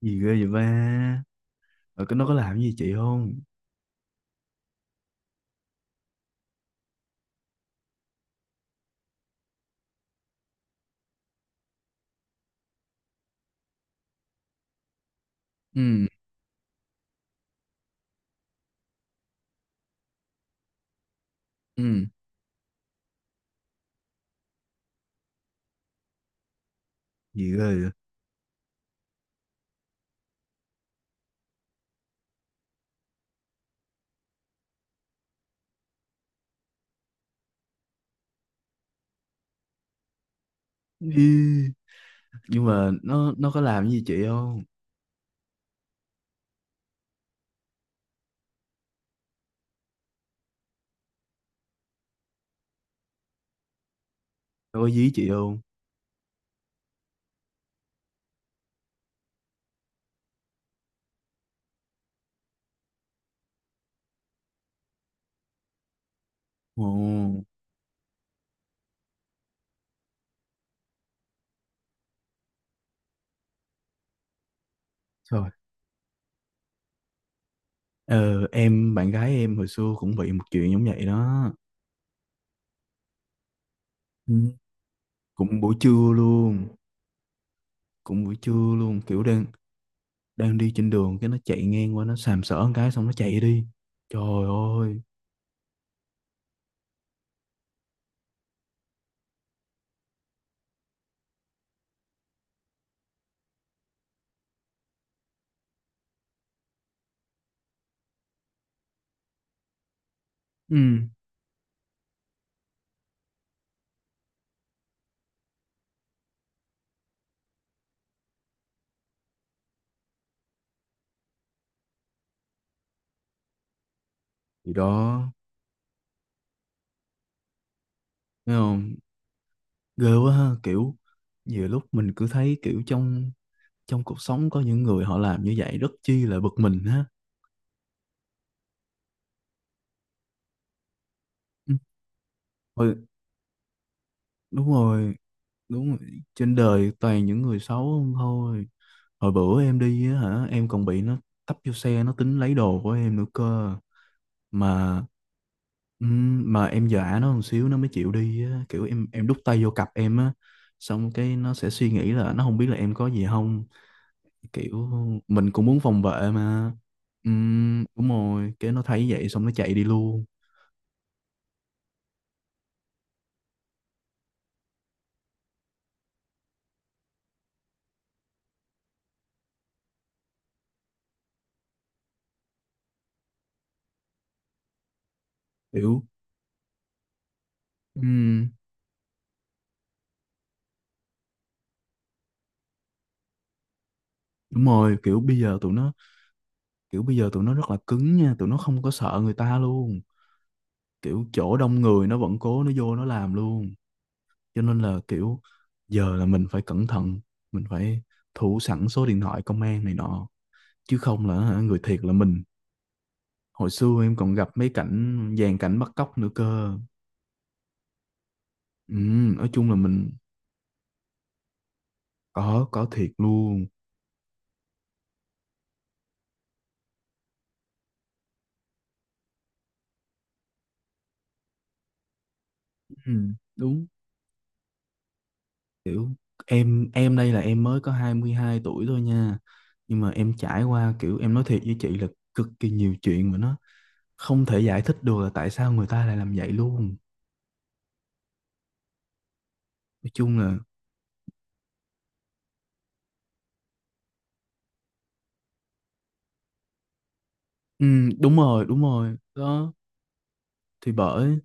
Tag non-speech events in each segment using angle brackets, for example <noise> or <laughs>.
Gì ghê vậy ba? Rồi cái nó có làm gì chị không? Ừ. Ừ. Gì ghê vậy? Ý, nhưng mà nó có làm gì chị không? Nó có dí chị không? Ồ, trời. Ờ, em bạn gái em hồi xưa cũng bị một chuyện giống vậy đó. Ừ. Cũng buổi trưa luôn. Cũng buổi trưa luôn, kiểu đang đang đi trên đường cái nó chạy ngang qua, nó sàm sỡ một cái xong nó chạy đi. Trời ơi. Ừ, thì đó. Thấy không? Ghê quá ha, kiểu nhiều lúc mình cứ thấy kiểu trong trong cuộc sống có những người họ làm như vậy rất chi là bực mình ha. Ừ, hồi, đúng rồi. Đúng rồi. Trên đời toàn những người xấu không thôi. Hồi bữa em đi á hả, em còn bị nó tấp vô xe, nó tính lấy đồ của em nữa cơ. Mà mà em dọa nó một xíu nó mới chịu đi á, kiểu em đút tay vô cặp em á, xong cái nó sẽ suy nghĩ là nó không biết là em có gì không, kiểu mình cũng muốn phòng vệ mà. Đúng rồi, cái nó thấy vậy xong nó chạy đi luôn. Kiểu ừ, đúng rồi, kiểu bây giờ tụi nó, kiểu bây giờ tụi nó rất là cứng nha, tụi nó không có sợ người ta luôn, kiểu chỗ đông người nó vẫn cố nó vô nó làm luôn. Cho nên là kiểu giờ là mình phải cẩn thận, mình phải thủ sẵn số điện thoại công an này nọ, chứ không là hả, người thiệt là mình. Hồi xưa em còn gặp mấy cảnh dàn cảnh bắt cóc nữa cơ. Ừ, nói chung là mình có thiệt luôn. Ừ, đúng, kiểu em đây là em mới có 22 tuổi thôi nha, nhưng mà em trải qua, kiểu em nói thiệt với chị là cực kỳ nhiều chuyện mà nó không thể giải thích được là tại sao người ta lại làm vậy luôn. Nói chung là ừ, đúng rồi. Đúng rồi đó, thì bởi.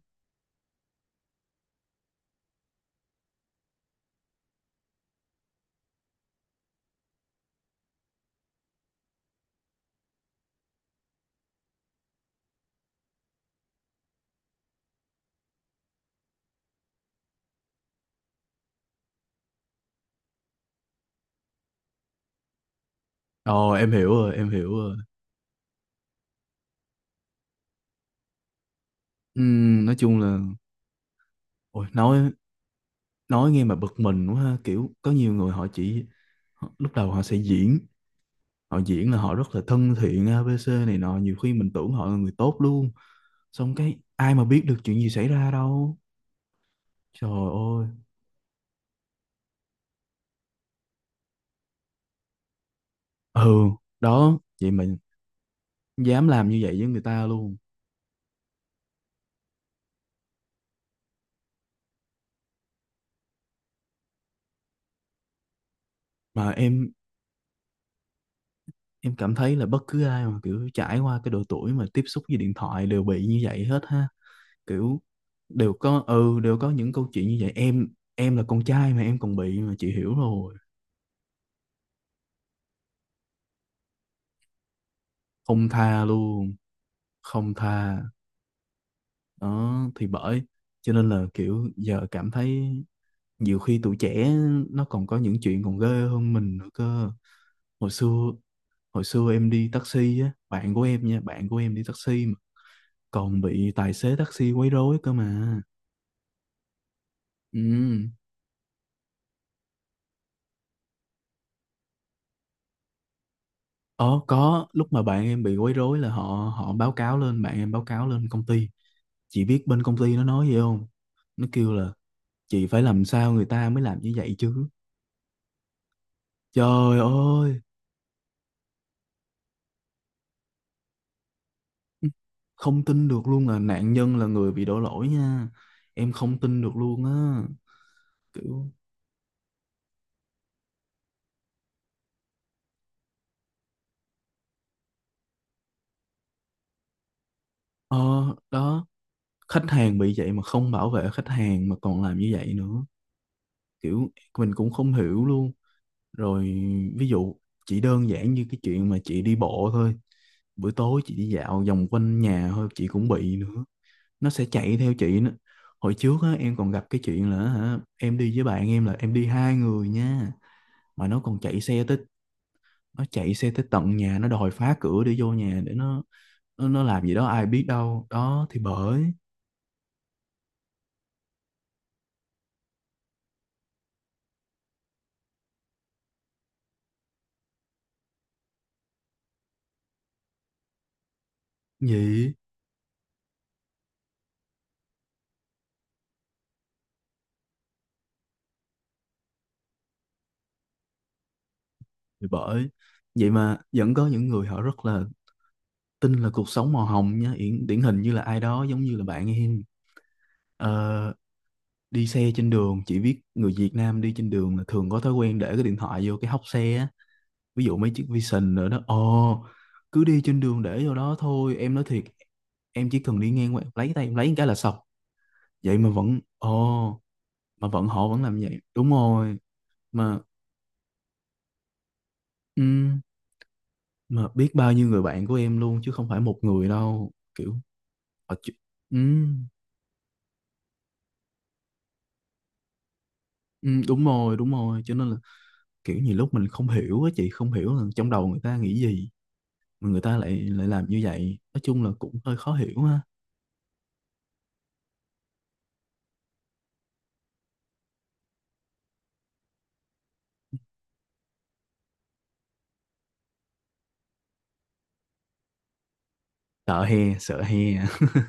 Ồ, em hiểu rồi, em hiểu rồi. Ừ, nói chung là ôi, nói nghe mà bực mình quá ha, kiểu có nhiều người họ chỉ, họ- lúc đầu họ sẽ diễn, họ diễn là họ rất là thân thiện ABC này nọ, nhiều khi mình tưởng họ là người tốt luôn, xong cái ai mà biết được chuyện gì xảy ra đâu. Trời ơi. Ừ, đó vậy mà dám làm như vậy với người ta luôn. Mà em cảm thấy là bất cứ ai mà kiểu trải qua cái độ tuổi mà tiếp xúc với điện thoại đều bị như vậy hết ha, kiểu đều có, ừ đều có những câu chuyện như vậy em. Em là con trai mà em còn bị mà chị hiểu rồi. Không tha luôn, không tha. Đó thì bởi, cho nên là kiểu giờ cảm thấy nhiều khi tụi trẻ nó còn có những chuyện còn ghê hơn mình nữa cơ. Hồi xưa, hồi xưa em đi taxi á, bạn của em nha, bạn của em đi taxi mà còn bị tài xế taxi quấy rối cơ mà. Ừ. Ờ, có lúc mà bạn em bị quấy rối là họ họ báo cáo lên, bạn em báo cáo lên công ty, chị biết bên công ty nó nói gì không? Nó kêu là chị phải làm sao người ta mới làm như vậy chứ. Trời ơi, không tin được luôn là nạn nhân là người bị đổ lỗi nha. Em không tin được luôn á. Kiểu ờ, đó, khách hàng bị vậy mà không bảo vệ khách hàng mà còn làm như vậy nữa, kiểu mình cũng không hiểu luôn. Rồi ví dụ, chỉ đơn giản như cái chuyện mà chị đi bộ thôi, buổi tối chị đi dạo vòng quanh nhà thôi chị cũng bị nữa, nó sẽ chạy theo chị nữa. Hồi trước á, em còn gặp cái chuyện là hả, em đi với bạn em, là em đi hai người nha, mà nó còn chạy xe tới, nó chạy xe tới tận nhà, nó đòi phá cửa để vô nhà để nó, nó làm gì đó ai biết đâu đó, thì bởi. Gì. Thì bởi, vậy mà vẫn có những người họ rất là tin là cuộc sống màu hồng nhá, điển, điển hình như là ai đó giống như là bạn em. Ờ, đi xe trên đường, chỉ biết người Việt Nam đi trên đường là thường có thói quen để cái điện thoại vô cái hốc xe á, ví dụ mấy chiếc Vision nữa đó. Ồ, cứ đi trên đường để vô đó thôi em nói thiệt, em chỉ cần đi ngang qua em lấy tay em lấy cái là xong. Vậy mà vẫn ồ, mà vẫn họ vẫn làm vậy, đúng rồi. Mà ừm, mà biết bao nhiêu người bạn của em luôn chứ không phải một người đâu kiểu. Ờ, chứ- ừ, ừ, đúng rồi. Đúng rồi, cho nên là kiểu nhiều lúc mình không hiểu á, chị không hiểu là trong đầu người ta nghĩ gì mà người ta lại lại làm như vậy, nói chung là cũng hơi khó hiểu ha. Sợ he, sợ he. <laughs>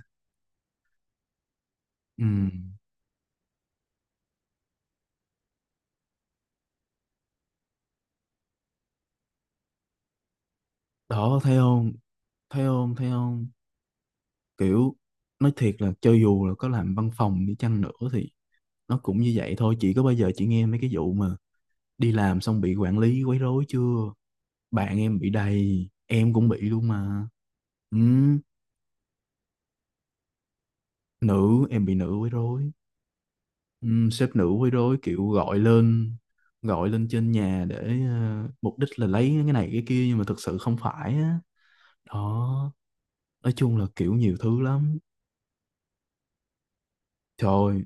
Ừ. Đó, thấy không? Thấy không? Kiểu nói thiệt là cho dù là có làm văn phòng đi chăng nữa thì nó cũng như vậy thôi, chị có bao giờ chị nghe mấy cái vụ mà đi làm xong bị quản lý quấy rối chưa? Bạn em bị đầy, em cũng bị luôn mà. Ừ, nữ, em bị nữ quấy rối. Ừ, sếp nữ quấy rối, kiểu gọi lên, gọi lên trên nhà để, ờ, mục đích là lấy cái này cái kia nhưng mà thực sự không phải á. Đó, nói chung là kiểu nhiều thứ lắm. Trời ơi,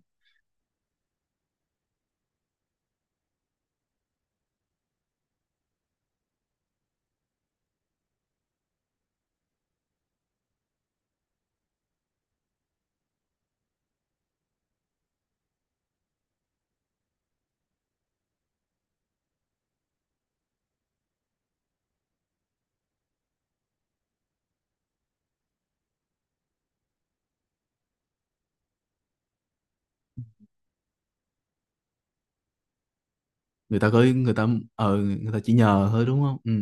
người ta có người ta, ờ người ta chỉ nhờ thôi đúng không? Ừ.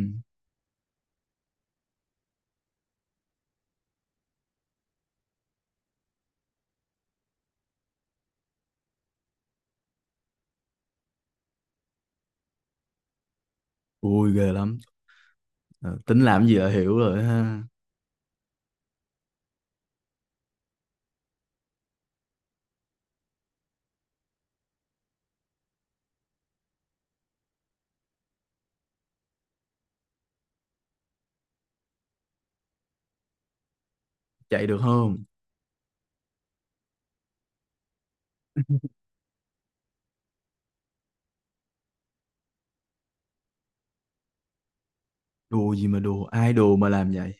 Vui ghê lắm. Ờ, tính làm gì là hiểu rồi ha. Chạy được không? <laughs> Đùa gì mà đùa, ai đùa mà làm vậy?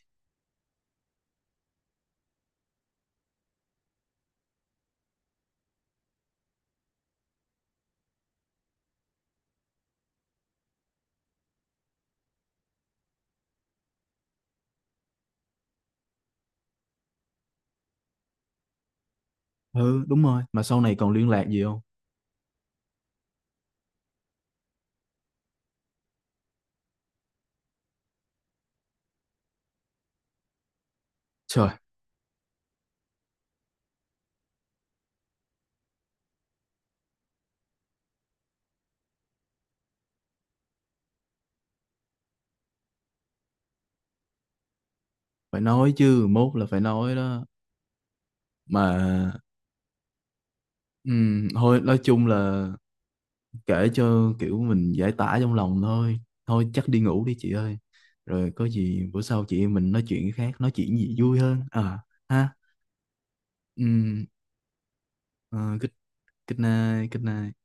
Ừ, đúng rồi, mà sau này còn liên lạc gì không? Trời, phải nói chứ, mốt là phải nói đó, mà thôi nói chung là kể cho kiểu mình giải tỏa trong lòng thôi, thôi chắc đi ngủ đi chị ơi. Rồi có gì bữa sau chị em mình nói chuyện cái khác, nói chuyện gì vui hơn à ha. Ừ, good. Good night, good night.